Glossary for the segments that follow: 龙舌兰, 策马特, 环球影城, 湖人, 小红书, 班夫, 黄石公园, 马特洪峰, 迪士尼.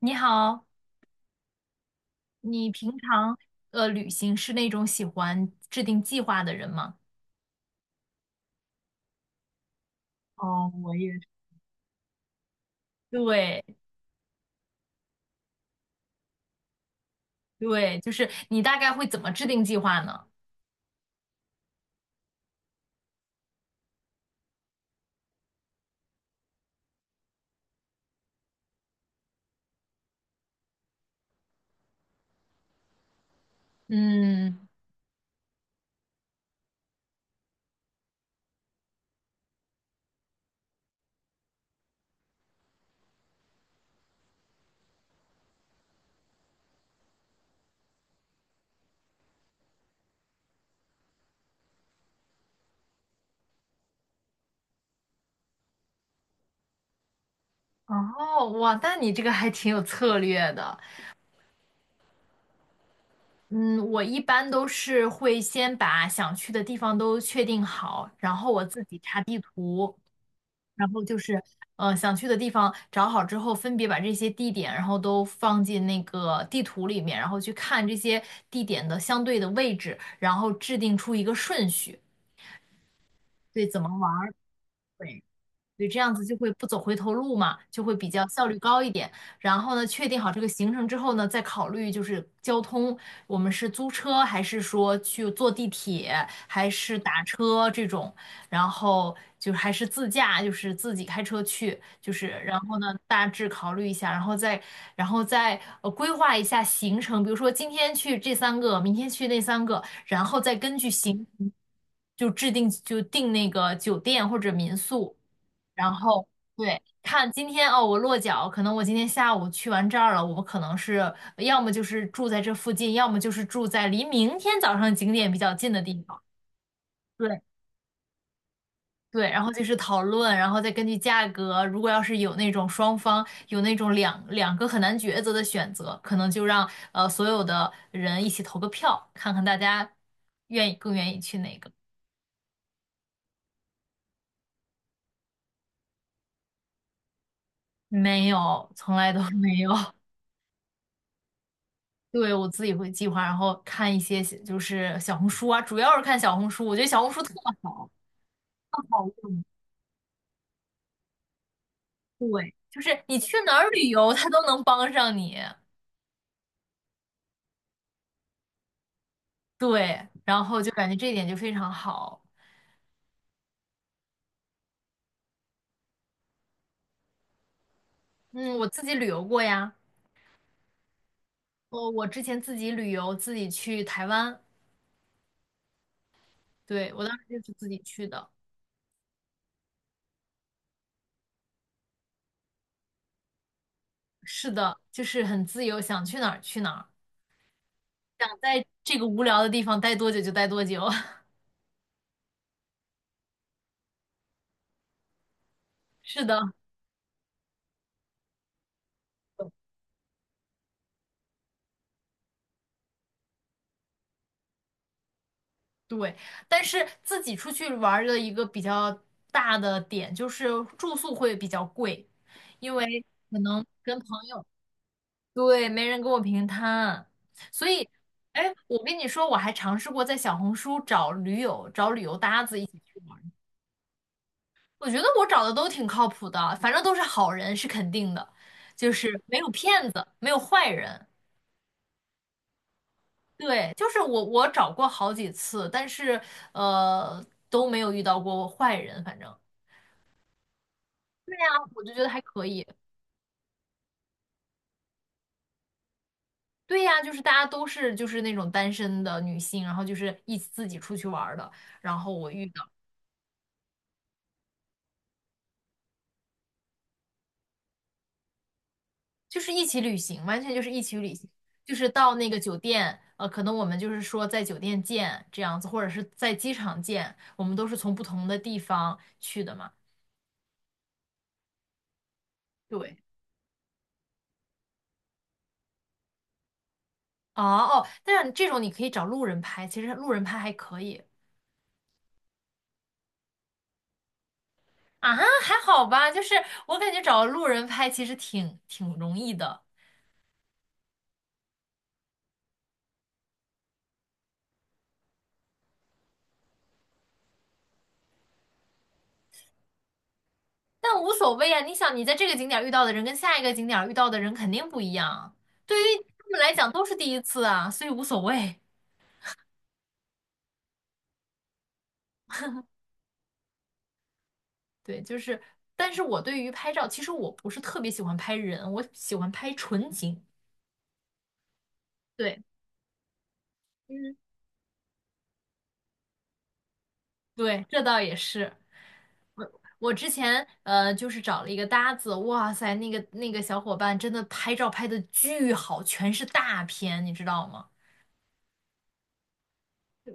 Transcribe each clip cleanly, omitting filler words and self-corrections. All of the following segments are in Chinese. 你好，你平常旅行是那种喜欢制定计划的人吗？哦，我也是对对，就是你大概会怎么制定计划呢？嗯，哦，哇，那你这个还挺有策略的。嗯，我一般都是会先把想去的地方都确定好，然后我自己查地图，然后就是，想去的地方找好之后，分别把这些地点，然后都放进那个地图里面，然后去看这些地点的相对的位置，然后制定出一个顺序，对，怎么玩儿，对。对，这样子就会不走回头路嘛，就会比较效率高一点。然后呢，确定好这个行程之后呢，再考虑就是交通，我们是租车还是说去坐地铁，还是打车这种，然后就还是自驾，就是自己开车去，就是然后呢，大致考虑一下，然后再然后再规划一下行程，比如说今天去这三个，明天去那三个，然后再根据行程就制定就定那个酒店或者民宿。然后对，看今天哦，我落脚，可能我今天下午去完这儿了，我可能是要么就是住在这附近，要么就是住在离明天早上景点比较近的地方。对对，然后就是讨论，然后再根据价格，如果要是有那种双方有那种两两个很难抉择的选择，可能就让所有的人一起投个票，看看大家愿意更愿意去哪个。没有，从来都没有。对，我自己会计划，然后看一些就是小红书啊，主要是看小红书，我觉得小红书特好，特好用。对，就是你去哪儿旅游，它都能帮上你。对，然后就感觉这一点就非常好。嗯，我自己旅游过呀，我之前自己旅游，自己去台湾，对，我当时就是自己去的。是的，就是很自由，想去哪儿去哪儿，想在这个无聊的地方待多久就待多久。是的。对，但是自己出去玩儿的一个比较大的点就是住宿会比较贵，因为可能跟朋友，对，没人跟我平摊，所以，哎，我跟你说，我还尝试过在小红书找驴友，找旅游搭子一起去玩儿我觉得我找的都挺靠谱的，反正都是好人是肯定的，就是没有骗子，没有坏人。对，就是我,找过好几次，但是都没有遇到过坏人，反正。对呀，我就觉得还可以。对呀，就是大家都是就是那种单身的女性，然后就是一起自己出去玩儿的，然后我遇到就是一起旅行，完全就是一起旅行，就是到那个酒店，可能我们就是说在酒店见这样子，或者是在机场见，我们都是从不同的地方去的嘛。对，哦，但是这种你可以找路人拍，其实路人拍还可以啊，还好吧，就是我感觉找路人拍其实挺容易的。但无所谓啊，你想你在这个景点儿遇到的人跟下一个景点儿遇到的人肯定不一样，对于他们来讲都是第一次啊，所以无所谓。对，就是，但是我对于拍照，其实我不是特别喜欢拍人，我喜欢拍纯景。对，嗯，对，这倒也是。我我之前就是找了一个搭子，哇塞，那个小伙伴真的拍照拍的巨好，全是大片，你知道吗？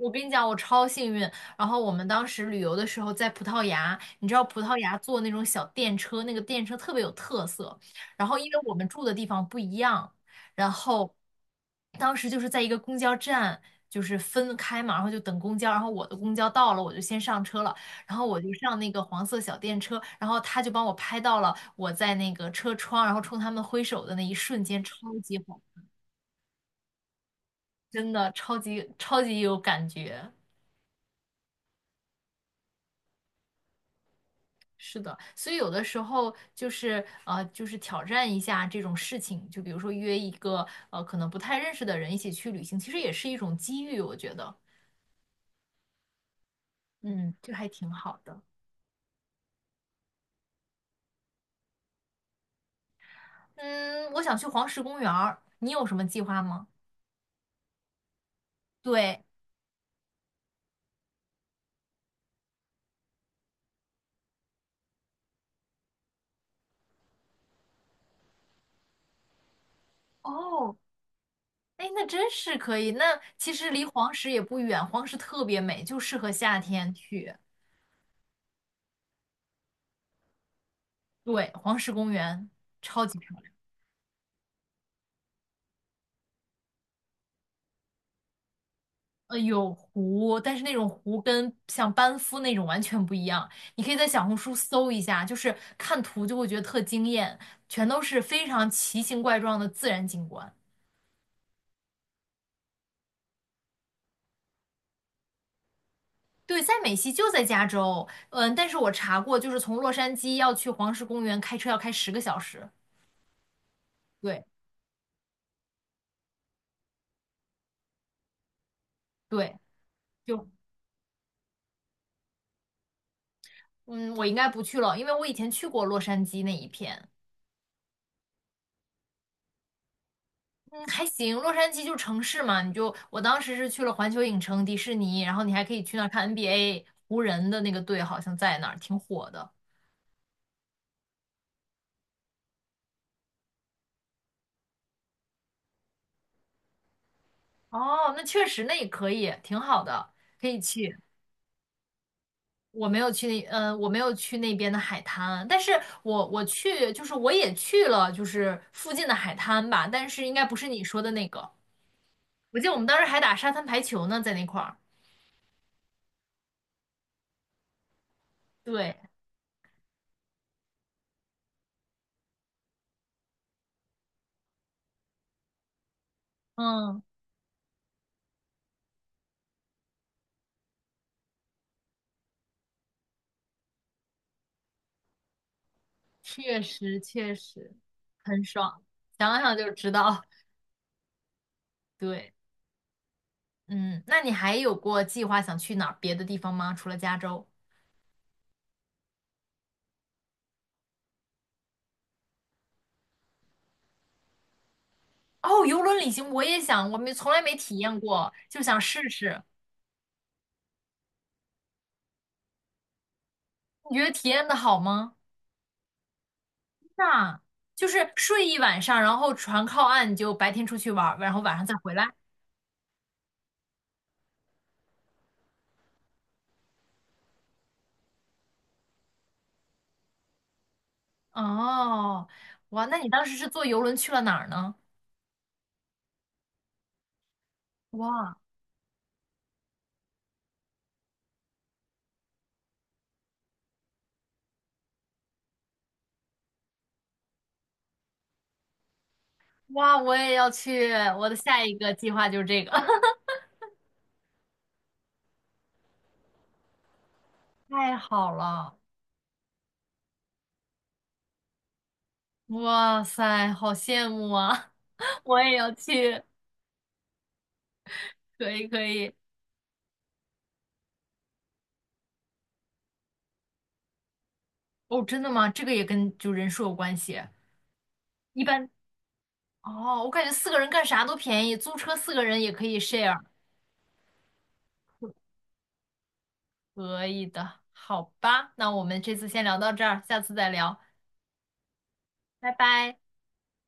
我跟你讲，我超幸运。然后我们当时旅游的时候在葡萄牙，你知道葡萄牙坐那种小电车，那个电车特别有特色。然后因为我们住的地方不一样，然后当时就是在一个公交站，就是分开嘛，然后就等公交。然后我的公交到了，我就先上车了，然后我就上那个黄色小电车，然后他就帮我拍到了我在那个车窗，然后冲他们挥手的那一瞬间，超级好，真的超级超级有感觉。是的，所以有的时候就是就是挑战一下这种事情，就比如说约一个可能不太认识的人一起去旅行，其实也是一种机遇，我觉得，嗯，这还挺好的。嗯，我想去黄石公园儿，你有什么计划吗？对，哦，哎，那真是可以。那其实离黄石也不远，黄石特别美，就适合夏天去。对，黄石公园超级漂亮。有湖，但是那种湖跟像班夫那种完全不一样。你可以在小红书搜一下，就是看图就会觉得特惊艳，全都是非常奇形怪状的自然景观。对，在美西就在加州，嗯，但是我查过，就是从洛杉矶要去黄石公园，开车要开10个小时。对对，就嗯，我应该不去了，因为我以前去过洛杉矶那一片。嗯，还行，洛杉矶就城市嘛，你就我当时是去了环球影城、迪士尼，然后你还可以去那儿看 NBA，湖人的那个队好像在那儿，挺火的。哦，那确实，那也可以，挺好的，可以去。我没有去那，我没有去那边的海滩，但是我去，就是我也去了，就是附近的海滩吧，但是应该不是你说的那个。我记得我们当时还打沙滩排球呢，在那块儿。对，嗯，确实确实很爽，想想就知道。对，嗯，那你还有过计划想去哪儿别的地方吗？除了加州？哦，游轮旅行我也想，我没从来没体验过，就想试试。你觉得体验的好吗？那就是睡一晚上，然后船靠岸，你就白天出去玩儿，然后晚上再回来。哦，哇，那你当时是坐游轮去了哪儿呢？哇哇，我也要去，我的下一个计划就是这个，太好了，哇塞，好羡慕啊！我也要去，可以可以。哦，真的吗？这个也跟就人数有关系。一般哦，我感觉四个人干啥都便宜，租车四个人也可以 share。可以的，好吧，那我们这次先聊到这儿，下次再聊，拜拜。